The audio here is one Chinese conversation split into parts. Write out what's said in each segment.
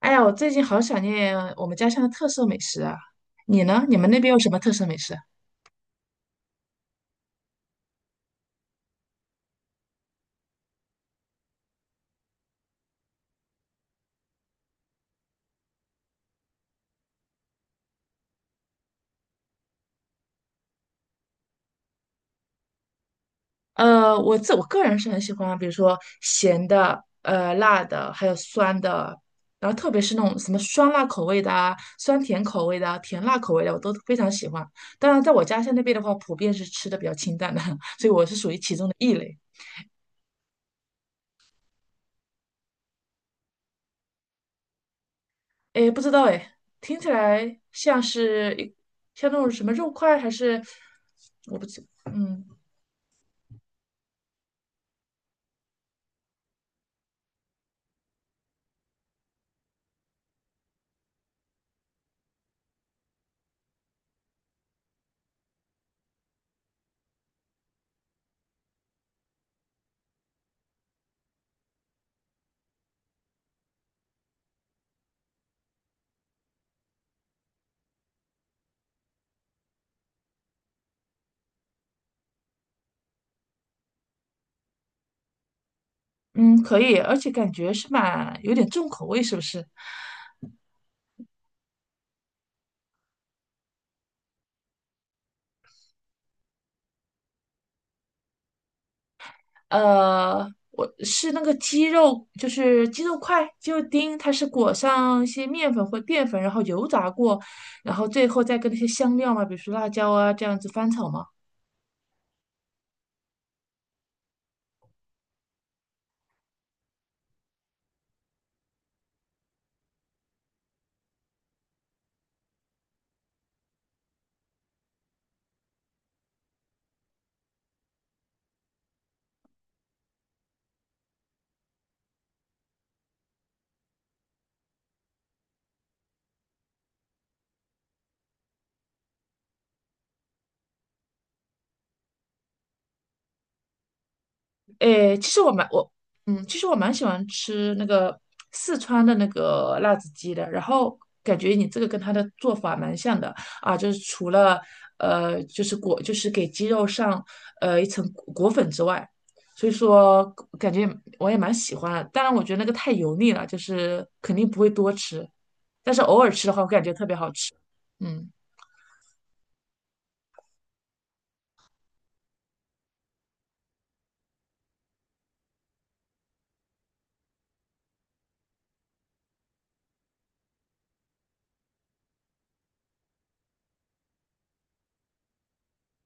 哎呀，我最近好想念我们家乡的特色美食啊！你呢？你们那边有什么特色美食啊？我自我个人是很喜欢，比如说咸的、辣的，还有酸的，然后特别是那种什么酸辣口味的啊、酸甜口味的啊、甜辣口味的，我都非常喜欢。当然，在我家乡那边的话，普遍是吃的比较清淡的，所以我是属于其中的异类。哎，不知道哎，听起来像是一像那种什么肉块，还是我不知，嗯。嗯，可以，而且感觉是蛮有点重口味，是不是？我是那个鸡肉，就是鸡肉块、鸡肉丁，它是裹上一些面粉或淀粉，然后油炸过，然后最后再跟那些香料嘛，比如说辣椒啊这样子翻炒嘛。诶，其实我蛮我嗯，其实我蛮喜欢吃那个四川的那个辣子鸡的，然后感觉你这个跟它的做法蛮像的啊，就是除了就是给鸡肉上一层裹粉之外，所以说感觉我也蛮喜欢的。当然，我觉得那个太油腻了，就是肯定不会多吃，但是偶尔吃的话，我感觉特别好吃。嗯，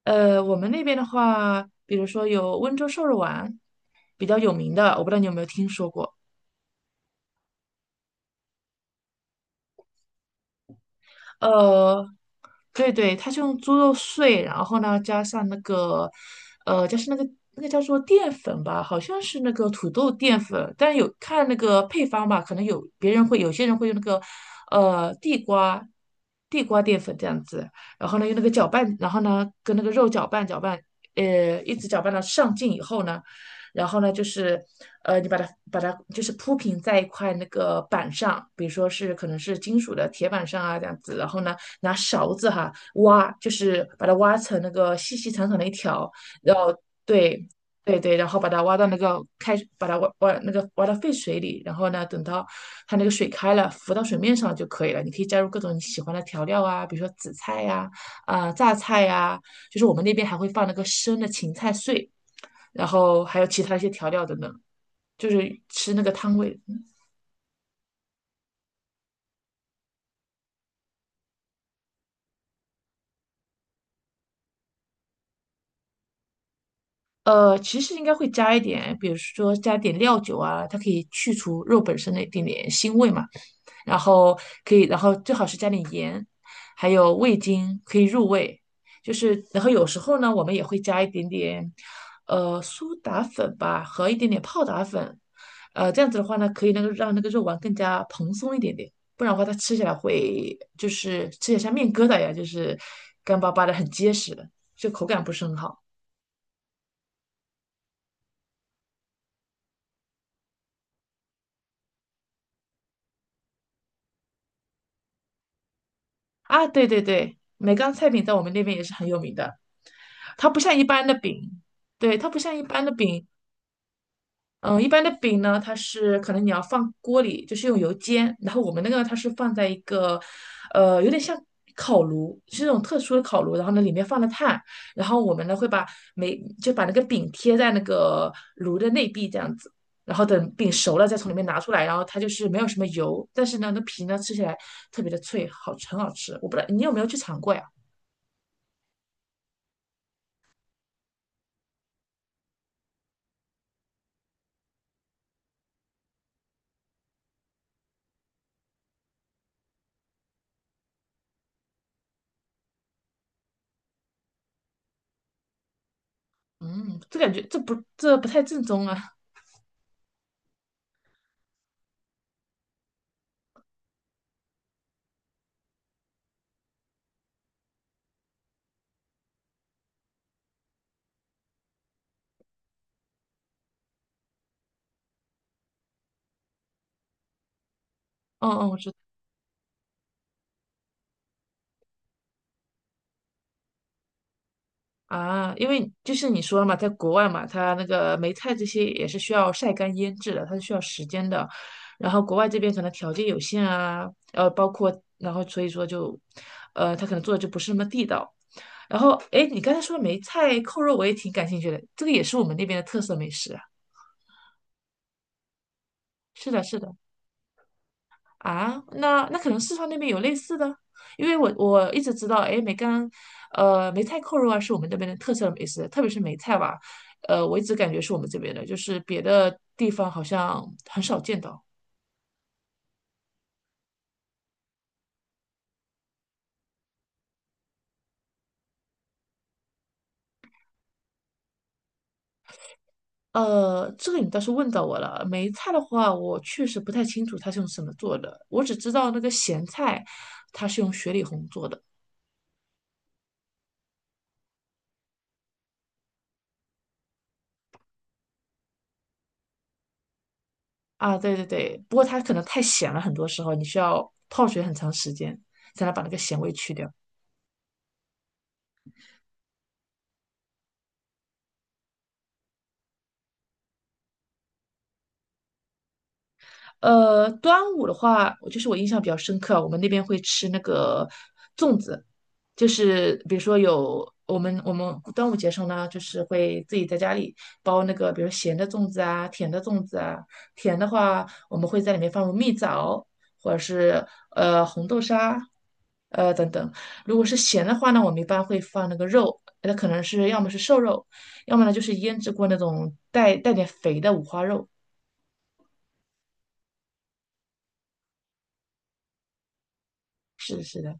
我们那边的话，比如说有温州瘦肉丸，比较有名的，我不知道你有没有听说过。呃，对对，它是用猪肉碎，然后呢加上那个，加上那个叫做淀粉吧，好像是那个土豆淀粉，但有看那个配方吧，可能有别人会有些人会用那个，地瓜淀粉这样子，然后呢用那个搅拌，然后呢跟那个肉搅拌搅拌，一直搅拌到上劲以后呢。然后呢，就是你把它就是铺平在一块那个板上，比如说是可能是金属的铁板上啊这样子，然后呢，拿勺子哈挖，就是把它挖成那个细细长长的一条，然后对。对对，然后把它挖到那个开，把它挖挖那个挖到沸水里，然后呢，等到它那个水开了，浮到水面上就可以了。你可以加入各种你喜欢的调料啊，比如说紫菜呀、啊、榨菜呀、就是我们那边还会放那个生的芹菜碎，然后还有其他一些调料等等，就是吃那个汤味。其实应该会加一点，比如说加点料酒啊，它可以去除肉本身的一点点腥味嘛。然后可以，然后最好是加点盐，还有味精可以入味。就是，然后有时候呢，我们也会加一点点，苏打粉吧，和一点点泡打粉，这样子的话呢，可以那个让那个肉丸更加蓬松一点点，不然的话它吃起来会就是吃起来像面疙瘩一样，就是干巴巴的，很结实的，就口感不是很好。啊。对对对，梅干菜饼在我们那边也是很有名的，它不像一般的饼，对，它不像一般的饼，嗯，一般的饼呢，它是可能你要放锅里，就是用油煎，然后我们那个它是放在一个，有点像烤炉，是那种特殊的烤炉，然后呢里面放了炭，然后我们呢会把就把那个饼贴在那个炉的内壁这样子，然后等饼熟了再从里面拿出来，然后它就是没有什么油，但是呢那皮呢吃起来特别的脆，好很好吃。我不知道你有没有去尝过呀？嗯，这感觉这不太正宗啊。嗯嗯，我知道。啊，因为就是你说了嘛，在国外嘛，它那个梅菜这些也是需要晒干腌制的，它是需要时间的。然后国外这边可能条件有限啊，包括然后所以说就，他可能做的就不是那么地道。然后，哎，你刚才说梅菜扣肉，我也挺感兴趣的，这个也是我们那边的特色美食啊。是的，是的。啊，那可能四川那边有类似的，因为我一直知道，哎，梅干，梅菜扣肉啊是我们这边的特色美食，特别是梅菜吧，我一直感觉是我们这边的，就是别的地方好像很少见到。这个你倒是问到我了，梅菜的话，我确实不太清楚它是用什么做的，我只知道那个咸菜，它是用雪里红做的。啊，对对对，不过它可能太咸了，很多时候你需要泡水很长时间才能把那个咸味去掉。端午的话，我就是我印象比较深刻，我们那边会吃那个粽子，就是比如说有我们端午节上呢，就是会自己在家里包那个，比如咸的粽子啊，甜的粽子啊。甜的话，我们会在里面放入蜜枣，或者是红豆沙，等等。如果是咸的话呢，我们一般会放那个肉，那可能是要么是瘦肉，要么呢就是腌制过那种带点肥的五花肉。是的是的。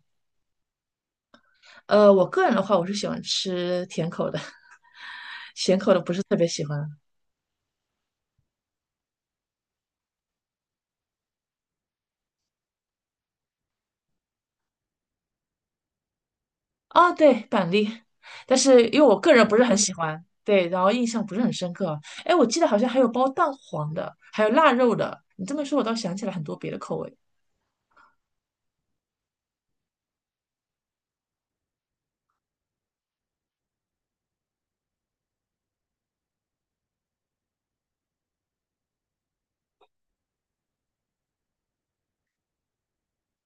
我个人的话，我是喜欢吃甜口的，咸口的不是特别喜欢。哦，对，板栗，但是因为我个人不是很喜欢，对，然后印象不是很深刻。哎，我记得好像还有包蛋黄的，还有腊肉的。你这么一说，我倒想起来很多别的口味。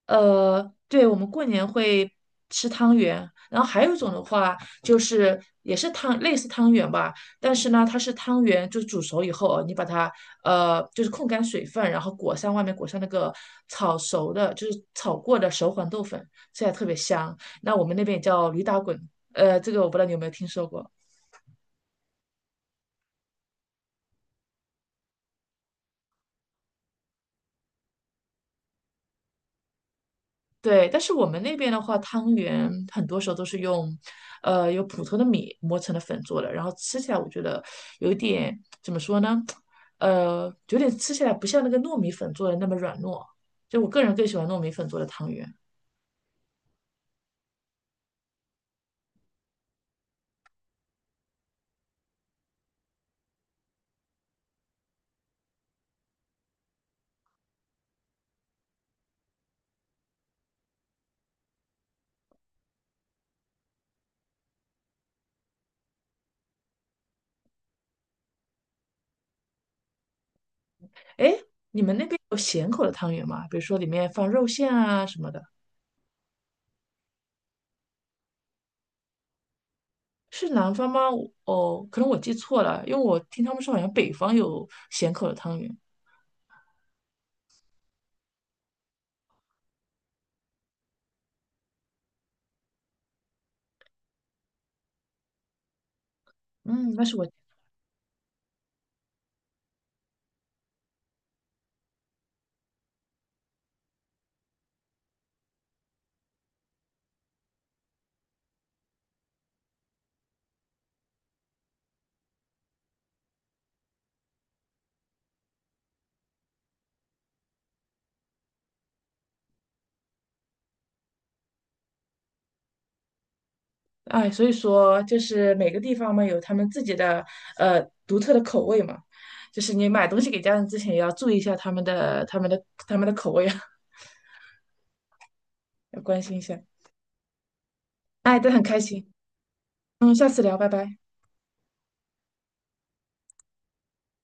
对，我们过年会吃汤圆，然后还有一种的话就是也是汤，类似汤圆吧，但是呢，它是汤圆，就是煮熟以后啊，你把它就是控干水分，然后外面裹上那个炒熟的，就是炒过的熟黄豆粉，吃起来特别香。那我们那边也叫驴打滚，这个我不知道你有没有听说过。对，但是我们那边的话，汤圆很多时候都是用，用普通的米磨成的粉做的，然后吃起来我觉得有一点怎么说呢，有点吃起来不像那个糯米粉做的那么软糯，就我个人更喜欢糯米粉做的汤圆。哎，你们那边有咸口的汤圆吗？比如说里面放肉馅啊什么的，是南方吗？哦，可能我记错了，因为我听他们说好像北方有咸口的汤圆。嗯，那是我。哎，所以说就是每个地方嘛有他们自己的独特的口味嘛，就是你买东西给家人之前也要注意一下他们的口味啊，要关心一下。哎，都很开心，嗯，下次聊，拜拜。